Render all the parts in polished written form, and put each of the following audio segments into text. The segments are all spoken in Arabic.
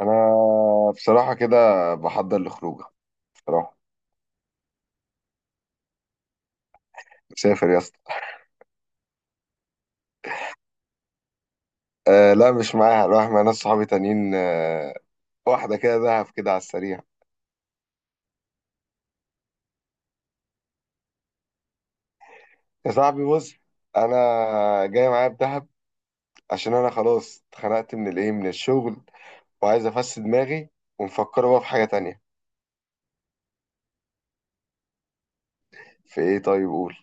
انا بصراحه كده بحضر لخروجه بصراحه. مسافر يا اسطى. أه لا، مش معاها، رايح مع ناس صحابي تانيين. أه واحده كده دهب كده على السريع. يا صاحبي بص، انا جاي معايا بدهب عشان انا خلاص اتخنقت من الايه، من الشغل، وعايز افس دماغي ومفكر بقى في حاجه تانية. في ايه؟ طيب قول.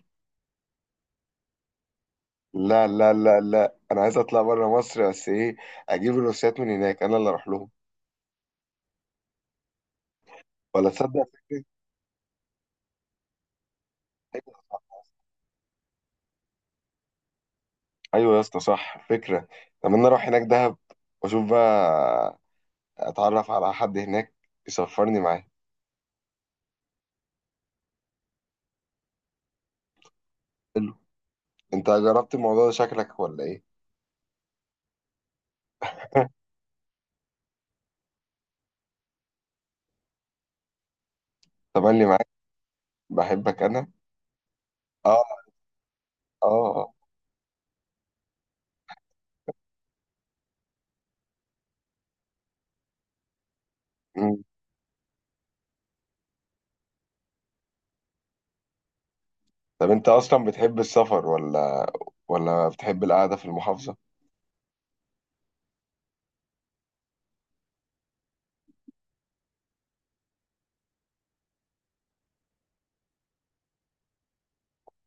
لا لا لا لا، انا عايز اطلع بره مصر بس ايه، اجيب الروسيات من هناك، انا اللي اروح لهم ولا تصدق. فكره. ايوه يا اسطى صح، فكره. طب انا اروح هناك دهب واشوف بقى، اتعرف على حد هناك يسفرني معاه. حلو. انت جربت الموضوع ده شكلك ولا ايه؟ تملي معاك، بحبك انا. اه. اه. آه. مم. طب انت اصلا بتحب السفر ولا ولا بتحب القعده في المحافظه؟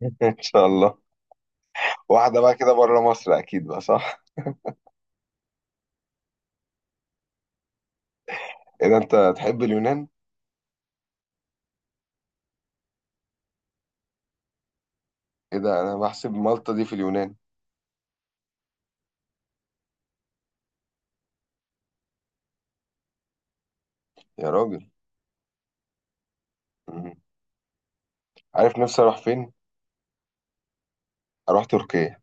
ان شاء الله. واحده بقى كده بره مصر اكيد بقى صح. ايه ده؟ انت تحب اليونان؟ ايه ده، انا بحسب مالطا دي في اليونان. يا راجل. مم. عارف نفسي اروح فين؟ اروح تركيا.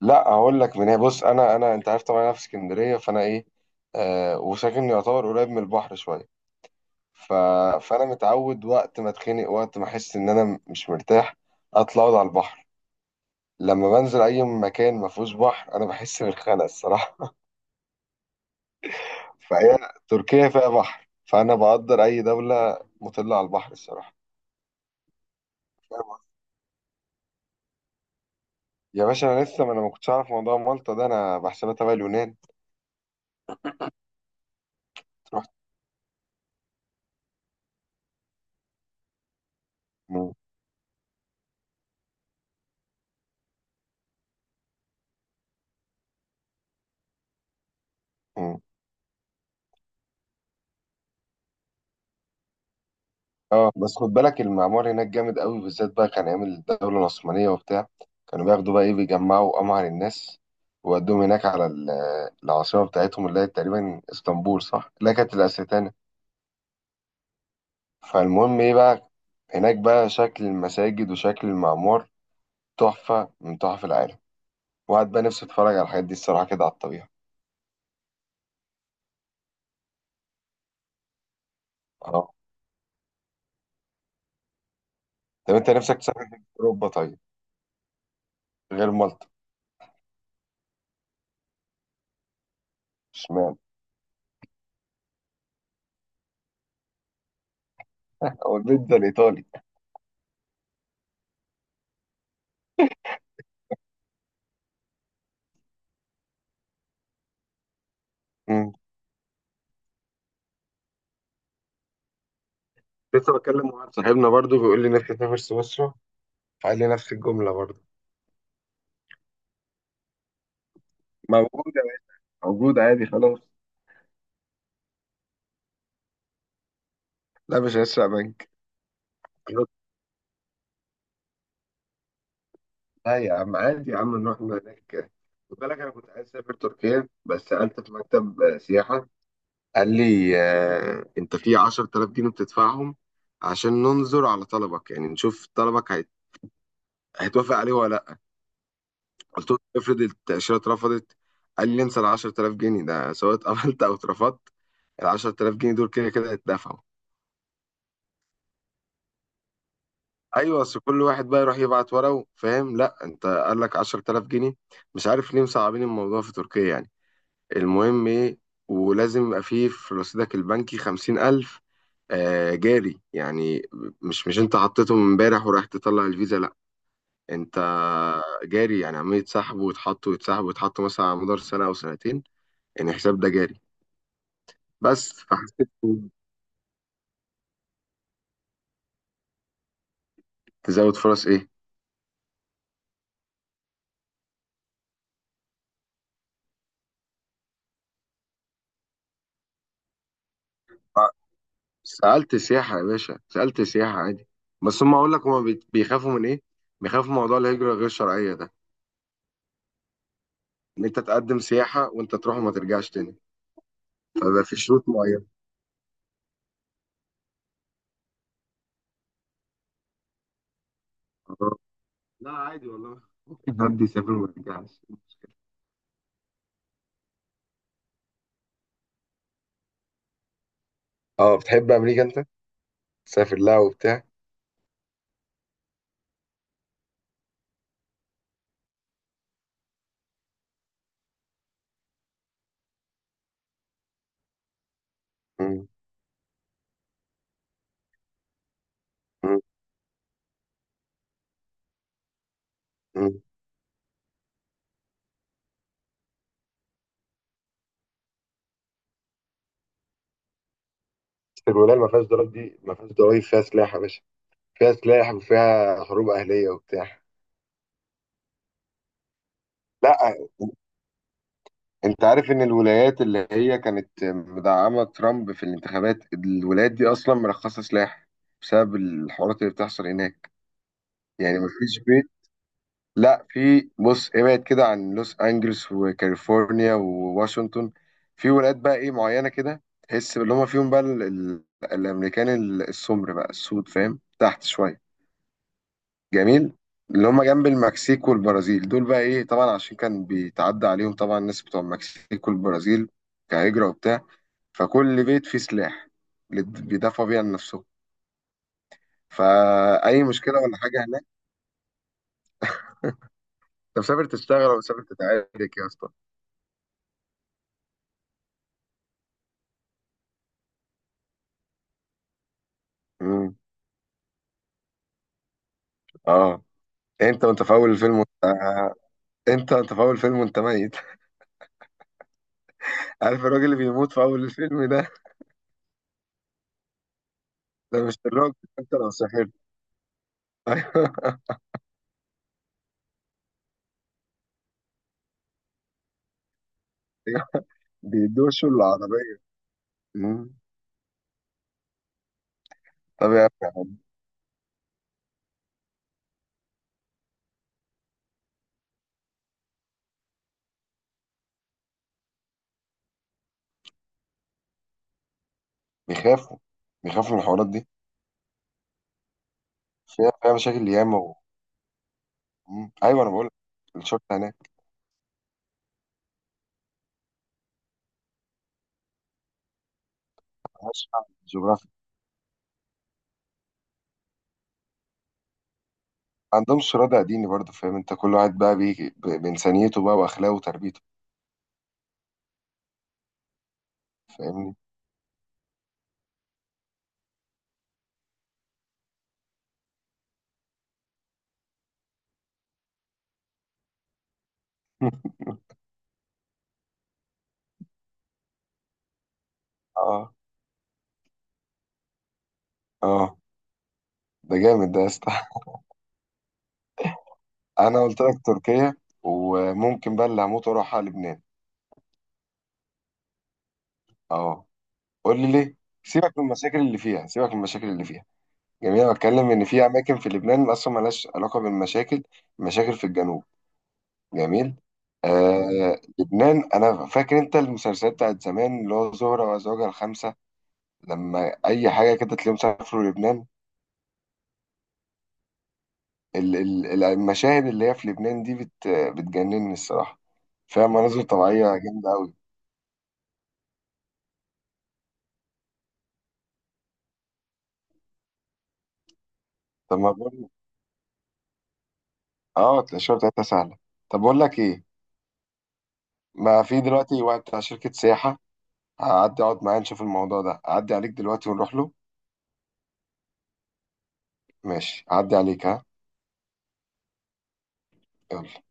لا هقول لك من هنا، بص، انا انت عارف طبعا انا في اسكندريه، فانا ايه آه، وساكن يعتبر قريب من البحر شويه. ف... فانا متعود وقت ما اتخنق، وقت ما احس ان انا مش مرتاح، اطلع اقعد على البحر. لما بنزل اي مكان ما فيهوش بحر انا بحس بالخنقه الصراحه. فهي تركيا فيها بحر، فانا بقدر اي دوله مطله على البحر الصراحه. فاهم قصدي؟ يا باشا انا لسه ما كنتش اعرف موضوع مالطا ده، انا بحسبها تبع اليونان. رحت. مم. مم. اه بس خد بالك، المعمار هناك جامد قوي بالذات بقى كان ايام الدوله العثمانيه وبتاع. كانوا بياخدوا بقى ايه، بيجمعوا امهر الناس وودوهم هناك على العاصمه بتاعتهم اللي هي تقريبا اسطنبول، صح، اللي هي كانت الاستانه. فالمهم ايه بقى، هناك بقى شكل المساجد وشكل المعمار تحفه من تحف العالم، وقعد بقى نفسي اتفرج على الحاجات دي الصراحه كده على الطبيعه. اه. طب انت نفسك تسافر فين في اوروبا طيب، غير مالطا؟ اشمعنى؟ او البيتزا الايطالي. مم. لسه بكلم واحد صاحبنا برضو بيقول لي نفسي اسافر سويسرا، قال لي نفس الجملة برضه. موجود يا باشا، موجود عادي خلاص. لا مش هسرق منك. قلت له لا يا عم عادي يا عم، نروح من هناك. خد بالك، أنا كنت عايز أسافر تركيا، بس سألت في مكتب سياحة، قال لي أنت في 10,000 جنيه بتدفعهم عشان ننظر على طلبك، يعني نشوف طلبك هيتوافق عليه ولا لأ. قلت له افرض التأشيرة اترفضت، قال لي انسى ال 10,000 جنيه ده، سواء اتقبلت أو اترفضت ال 10,000 جنيه دول كده كده هيتدفعوا. ايوه بس كل واحد بقى يروح يبعت ورقه، فاهم؟ لا انت قال لك 10,000 جنيه. مش عارف ليه مصعبين الموضوع في تركيا يعني. المهم ايه، ولازم يبقى فيه في رصيدك البنكي 50,000، آه جاري يعني. مش انت حطيتهم امبارح ورايح تطلع الفيزا، لا، انت جاري يعني، عمال يتسحبوا ويتحطوا ويتسحبوا ويتحطوا مثلا على مدار سنه او سنتين، يعني الحساب ده جاري. بس فحسيت. تزود فرص ايه؟ سألت سياحة يا باشا، سألت سياحة عادي. بس هم أقول لك، هم بيخافوا من إيه؟ بيخافوا من موضوع الهجرة غير الشرعية ده، إن أنت تقدم سياحة وأنت تروح وما ترجعش تاني. فبقى في شروط معينة. آه. لا عادي والله، ممكن حد يسافر وما يرجعش. اه بتحب أمريكا أنت؟ تسافر لها وبتاع؟ مم. مم. مم. بس الولاية اللي ما فيهاش ضرايب دي، ما فيهاش ضرايب، فيها سلاح يا باشا، فيها سلاح وفيها حروب أهلية وبتاع. لا انت عارف ان الولايات اللي هي كانت مدعمة ترامب في الانتخابات، الولايات دي اصلا مرخصة سلاح بسبب الحوارات اللي بتحصل هناك. يعني مفيش بيت، لا في، بص، ابعد كده عن لوس انجلوس وكاليفورنيا وواشنطن، في ولايات بقى ايه معينة كده، تحس اللي هم فيهم بقى الامريكان السمر بقى السود، فاهم، تحت شوية، جميل، اللي هم جنب المكسيك والبرازيل، دول بقى ايه طبعا عشان كان بيتعدى عليهم طبعا الناس بتوع المكسيك والبرازيل كهجرة وبتاع، فكل بيت فيه سلاح اللي بيدافعوا بيه عن نفسهم. فأي مشكلة ولا حاجة هناك. انت مسافر تشتغل ولا مسافر تتعارك يا اسطى؟ امم. اه. انت وانت في اول الفيلم وانت آه، انت وانت في اول الفيلم وانت ميت. عارف الراجل اللي بيموت في اول الفيلم ده؟ ده مش الراجل، انت لو سافرت. بيدوشوا العربية. مم. طب يا عم. بيخافوا بيخافوا من الحوارات دي. فيها مشاكل ياما مم. ايوه انا بقول لك، الشرطه هناك ملهاش فهم في الجغرافيا. ما عندهمش رادع ديني برضه، فاهم انت، كل واحد بقى بانسانيته بقى واخلاقه وتربيته. فاهمني؟ اه. اه. ده جامد ده يا اسطى. انا قلت لك تركيا، وممكن بقى اللي هموت واروح على لبنان. اه. قول لي ليه. سيبك من المشاكل اللي فيها، سيبك من المشاكل اللي فيها. جميل، أنا بتكلم ان في اماكن في لبنان اصلا ملهاش علاقه بالمشاكل، مشاكل في الجنوب. جميل. اه. آه لبنان، انا فاكر انت المسلسلات بتاعت زمان اللي هو زهرة وزوجها الخمسة، لما اي حاجة كده تلاقيهم سافروا لبنان. ال- المشاهد اللي هي في لبنان دي بتجنني الصراحة، فيها مناظر طبيعية جامدة قوي. طب ما بقول، اه الشوية بتاعتها سهلة. طب بقول لك ايه، ما في دلوقتي واحد بتاع شركة سياحة، هعدي اقعد معاه نشوف الموضوع ده، اعدي عليك دلوقتي ونروح له. ماشي، اعدي عليك. ها، يلا.